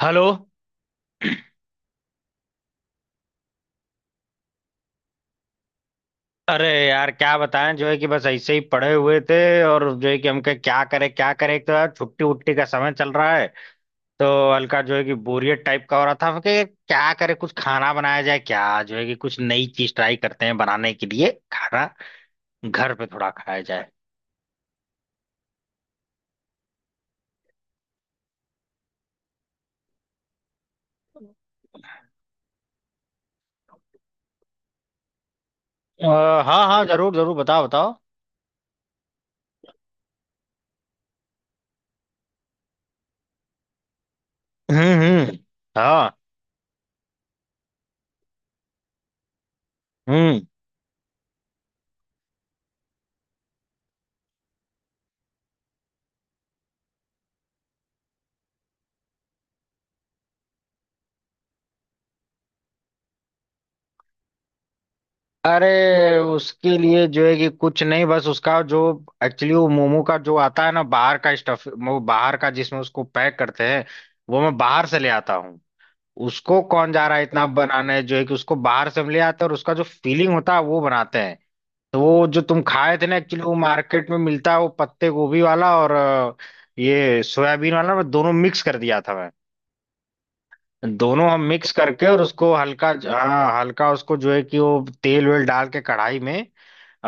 Hello. अरे यार क्या बताएं जो है कि बस ऐसे ही पड़े हुए थे। और जो है कि हम कहे क्या करें क्या करें, एक तो यार छुट्टी उट्टी का समय चल रहा है। तो हल्का जो है कि बोरियत टाइप का हो रहा था, हम कहे क्या करें, कुछ खाना बनाया जाए क्या, जो है कि कुछ नई चीज ट्राई करते हैं बनाने के लिए खाना, घर पे थोड़ा खाया जाए। अ, हाँ हाँ, जरूर जरूर, बताओ बताओ। हम्म। हाँ। हम्म। अरे उसके लिए जो है कि कुछ नहीं, बस उसका जो एक्चुअली वो मोमो का जो आता है ना बाहर का स्टफ, वो बाहर का जिसमें उसको पैक करते हैं, वो मैं बाहर से ले आता हूँ। उसको कौन जा रहा है इतना बनाने, जो है कि उसको बाहर से हम ले आते हैं और उसका जो फीलिंग होता है वो बनाते हैं। तो वो जो तुम खाए थे ना, एक्चुअली वो मार्केट में मिलता है, वो पत्ते गोभी वाला और ये सोयाबीन वाला, मैं दोनों मिक्स कर दिया था। मैं दोनों हम मिक्स करके और उसको हल्का, हाँ हल्का उसको जो है कि वो तेल वेल डाल के कढ़ाई में।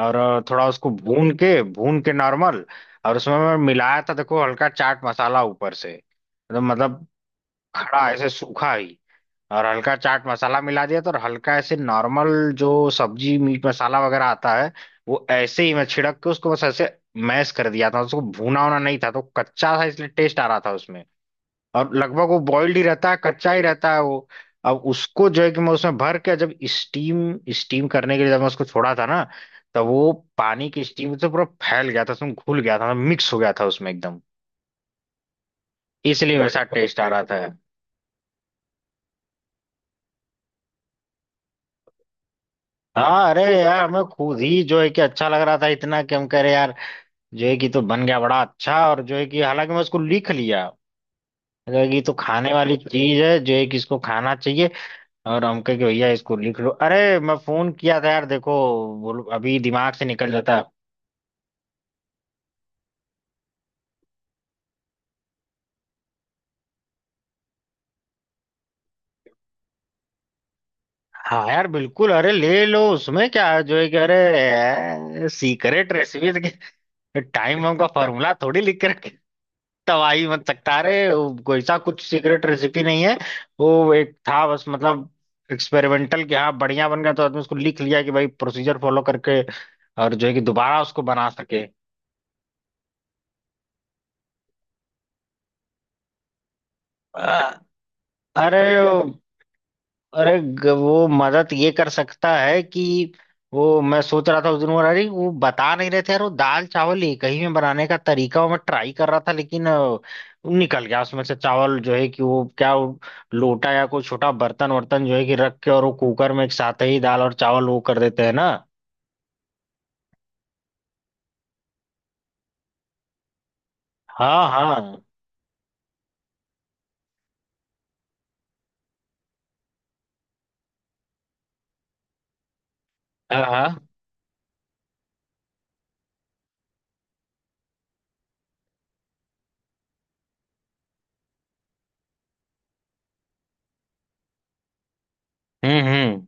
और थोड़ा उसको भून के नॉर्मल। और उसमें मैं मिलाया था, देखो, हल्का चाट मसाला ऊपर से। तो मतलब खड़ा ऐसे सूखा ही, और हल्का चाट मसाला मिला दिया था, और हल्का ऐसे नॉर्मल जो सब्जी मीट मसाला वगैरह आता है, वो ऐसे ही मैं छिड़क के उसको बस ऐसे मैश कर दिया था। उसको भूना होना नहीं था तो कच्चा था, इसलिए टेस्ट आ रहा था उसमें। और लगभग वो बॉइल्ड ही रहता है, कच्चा ही रहता है वो। अब उसको जो है कि मैं उसमें भर के जब स्टीम स्टीम करने के लिए जब मैं उसको छोड़ा था ना, तो वो पानी की स्टीम से पूरा फैल गया था, उसमें घुल गया था, मिक्स हो गया था उसमें एकदम। इसलिए मेरे साथ टेस्ट आ रहा था। हाँ अरे यार, हमें खुद ही जो है कि अच्छा लग रहा था इतना कि हम कह रहे यार जो है कि तो बन गया बड़ा अच्छा। और जो है कि हालांकि मैं उसको लिख लिया, जो है कि तो खाने वाली चीज है, जो है कि इसको खाना चाहिए। और हम कहे कि भैया इसको लिख लो। अरे मैं फोन किया था यार, देखो, बोलो अभी दिमाग से निकल जाता। हाँ यार बिल्कुल, अरे ले लो, उसमें क्या है, जो है कि अरे सीक्रेट रेसिपी, टाइम बम का फॉर्मूला थोड़ी लिख कर तबाही मत सकता। अरे वो कोई सा कुछ सीक्रेट रेसिपी नहीं है। वो एक था बस, मतलब एक्सपेरिमेंटल कि हाँ बढ़िया बन गया तो आदमी उसको लिख लिया कि भाई, प्रोसीजर फॉलो करके और जो है कि दोबारा उसको बना सके। अ- अरे, अरे वो मदद ये कर सकता है कि वो मैं सोच रहा था उस दिन वो, अरे वो बता नहीं रहे थे यार वो दाल चावल एक ही में बनाने का तरीका, वो मैं ट्राई कर रहा था, लेकिन वो निकल गया उसमें से चावल, जो है कि वो क्या वो लोटा या कोई छोटा बर्तन वर्तन जो है कि रख के, और वो कुकर में एक साथ ही दाल और चावल वो कर देते हैं ना। हाँ हाँ। हाँ हाँ। हम्म।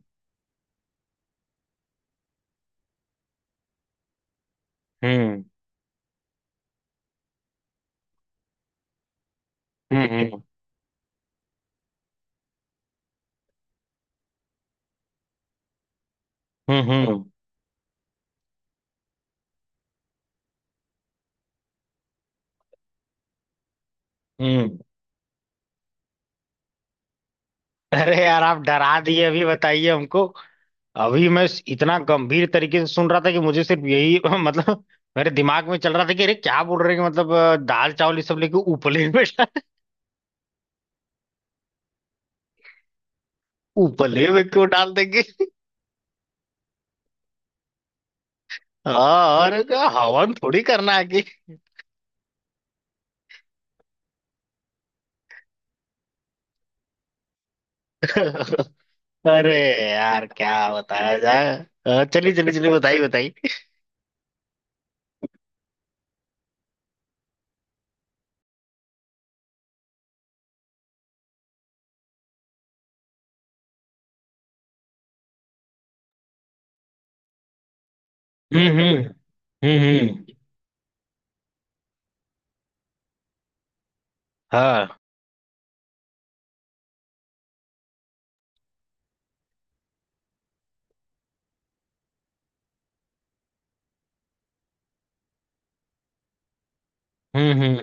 हम्म। हम्म। हम्म। अरे यार, आप डरा दिए अभी, बताइए हमको। अभी मैं इतना गंभीर तरीके से सुन रहा था कि मुझे सिर्फ यही मतलब मेरे दिमाग में चल रहा था कि अरे क्या बोल रहे हैं, कि मतलब दाल चावल ये सब लेके उपले में उपले में क्यों डाल देंगे। हाँ और क्या, हवन थोड़ी करना है कि। अरे यार क्या बताया जाए। चलिए चलिए चलिए, बताइए बताइए। हम्म। हम्म हम्म, हाँ। हम्म।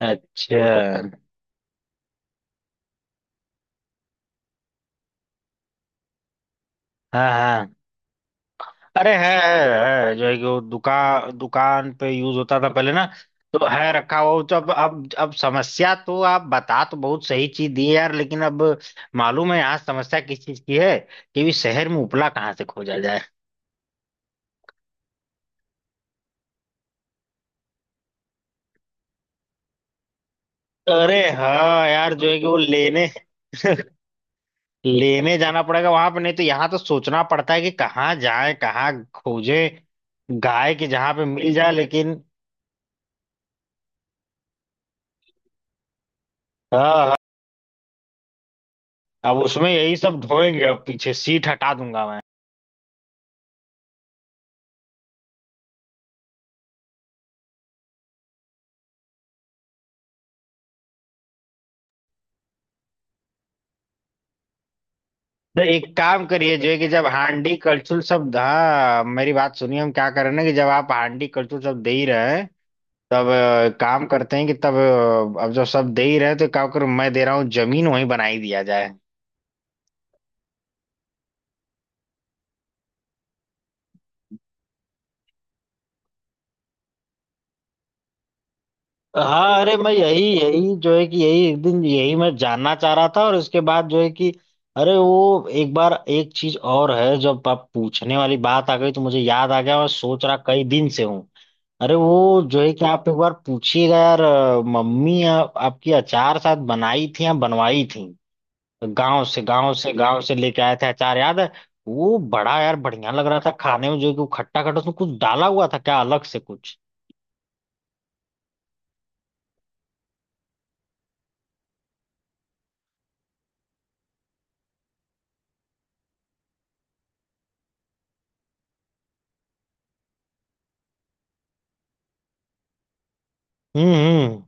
अच्छा। हाँ हाँ। अरे है, जो है कि वो दुकान दुकान पे यूज होता था पहले ना, तो है रखा हुआ वो। तो अब समस्या, तो आप बता तो बहुत सही चीज दी है यार, लेकिन अब मालूम है यहाँ समस्या किस चीज की है, कि भी शहर में उपला कहाँ से खोजा जाए। अरे हाँ यार जो है कि वो लेने लेने जाना पड़ेगा वहां पे, नहीं तो यहाँ तो सोचना पड़ता है कि कहाँ जाए कहाँ खोजे, गाय के जहाँ पे मिल जाए लेकिन। हाँ, अब उसमें यही सब ढोएंगे, अब पीछे सीट हटा दूंगा मैं। तो एक काम करिए जो है कि जब हांडी कलछुल शब्द, हाँ मेरी बात सुनिए, हम क्या कर रहे हैं ना कि जब आप हांडी कलछुल शब्द दे ही रहे हैं तब काम करते हैं कि तब अब जब शब्द दे ही रहे हैं तो क्या करूं, मैं दे रहा हूँ जमीन, वहीं बना ही दिया जाए। हाँ अरे मैं यही, जो है कि यही एक दिन यही मैं जानना चाह रहा था, और उसके बाद जो है कि अरे वो एक बार एक चीज और है, जब आप पूछने वाली बात आ गई तो मुझे याद आ गया, और सोच रहा कई दिन से हूँ। अरे वो जो है कि आप एक बार पूछिएगा यार, मम्मी, आपकी अचार शायद बनाई थी या बनवाई थी, गांव से लेके आए थे अचार, याद है। वो बड़ा यार बढ़िया लग रहा था खाने में, जो है कि वो खट्टा खट्टा, उसमें कुछ डाला हुआ था क्या अलग से कुछ। हम्म।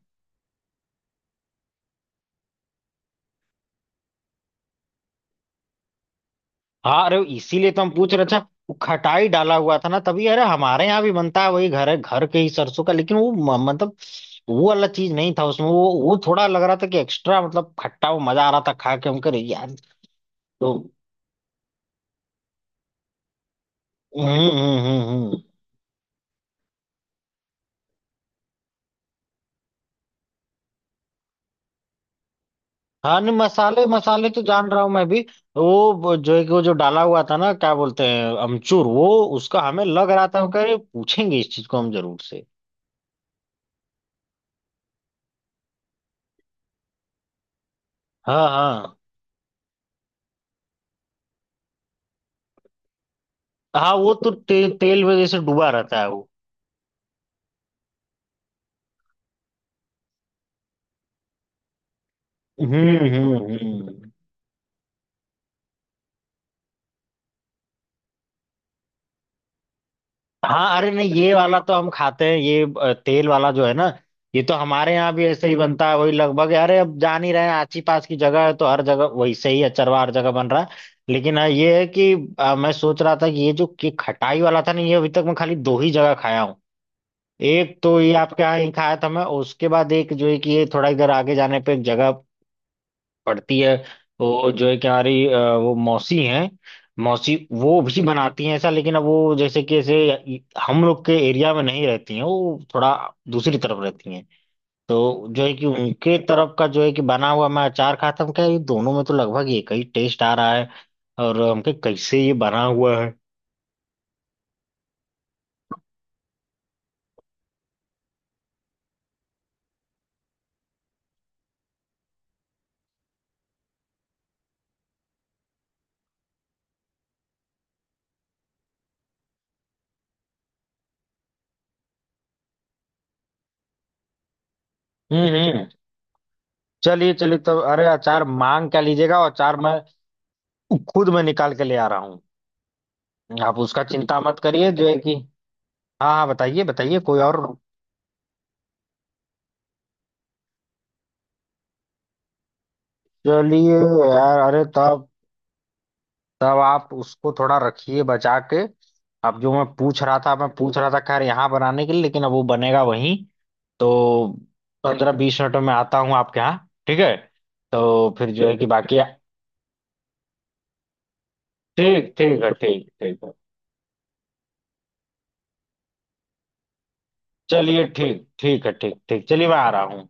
हाँ अरे इसीलिए तो हम पूछ रहे थे, वो खटाई डाला हुआ था ना तभी। अरे हमारे यहाँ भी बनता है वही, घर है घर के ही सरसों का, लेकिन वो मतलब वो वाला चीज नहीं था उसमें। वो थोड़ा लग रहा था कि एक्स्ट्रा मतलब खट्टा, वो मजा आ रहा था खा के, हम करे यार। तो हम्म। हम्म। हाँ नहीं मसाले मसाले तो जान रहा हूँ मैं भी। जो है कि वो जो डाला हुआ था ना, क्या बोलते हैं अमचूर, वो उसका हमें लग रहा था कि पूछेंगे इस चीज को हम जरूर से। हाँ हाँ। हाँ वो तो तेल में जैसे डूबा रहता है वो। हम्म। हम्म। हाँ अरे नहीं, ये वाला तो हम खाते हैं ये, तेल वाला जो है ना, ये तो हमारे यहाँ भी ऐसे ही बनता है वही, लगभग। अरे अब जान ही रहे हैं, आची पास की जगह है तो हर जगह वैसे ही अचरवा हर जगह बन रहा है। लेकिन हाँ ये है कि मैं सोच रहा था कि ये जो ये खटाई वाला था ना, ये अभी तक मैं खाली दो ही जगह खाया हूँ। एक तो ये आपके यहाँ ही खाया था मैं, उसके बाद एक जो है कि ये थोड़ा इधर आगे जाने पे एक जगह पढ़ती है, वो जो है कि हमारी वो मौसी हैं, मौसी वो भी बनाती हैं ऐसा। लेकिन अब वो जैसे कि ऐसे हम लोग के एरिया में नहीं रहती हैं, वो थोड़ा दूसरी तरफ रहती हैं। तो जो है कि उनके तरफ का जो है कि बना हुआ मैं अचार खाता था, हम क्या, ये दोनों में तो लगभग एक ही टेस्ट आ रहा है, और हम कहे कैसे ये बना हुआ है। हम्म हम्म। चलिए चलिए तब, अरे अचार मांग क्या लीजिएगा, और अचार मैं खुद मैं निकाल के ले आ रहा हूँ, आप उसका चिंता मत करिए जो है कि। हाँ हाँ बताइए बताइए, कोई और। चलिए। यार अरे तब, तब आप उसको थोड़ा रखिए बचा के, अब जो मैं पूछ रहा था खैर यहाँ बनाने के लिए, लेकिन अब वो बनेगा वहीं, तो 15-20 मिनटों में आता हूँ आपके यहाँ। ठीक है, तो फिर जो है कि बाकी ठीक ठीक है, ठीक ठीक है। चलिए ठीक ठीक है ठीक ठीक, चलिए मैं आ रहा हूँ।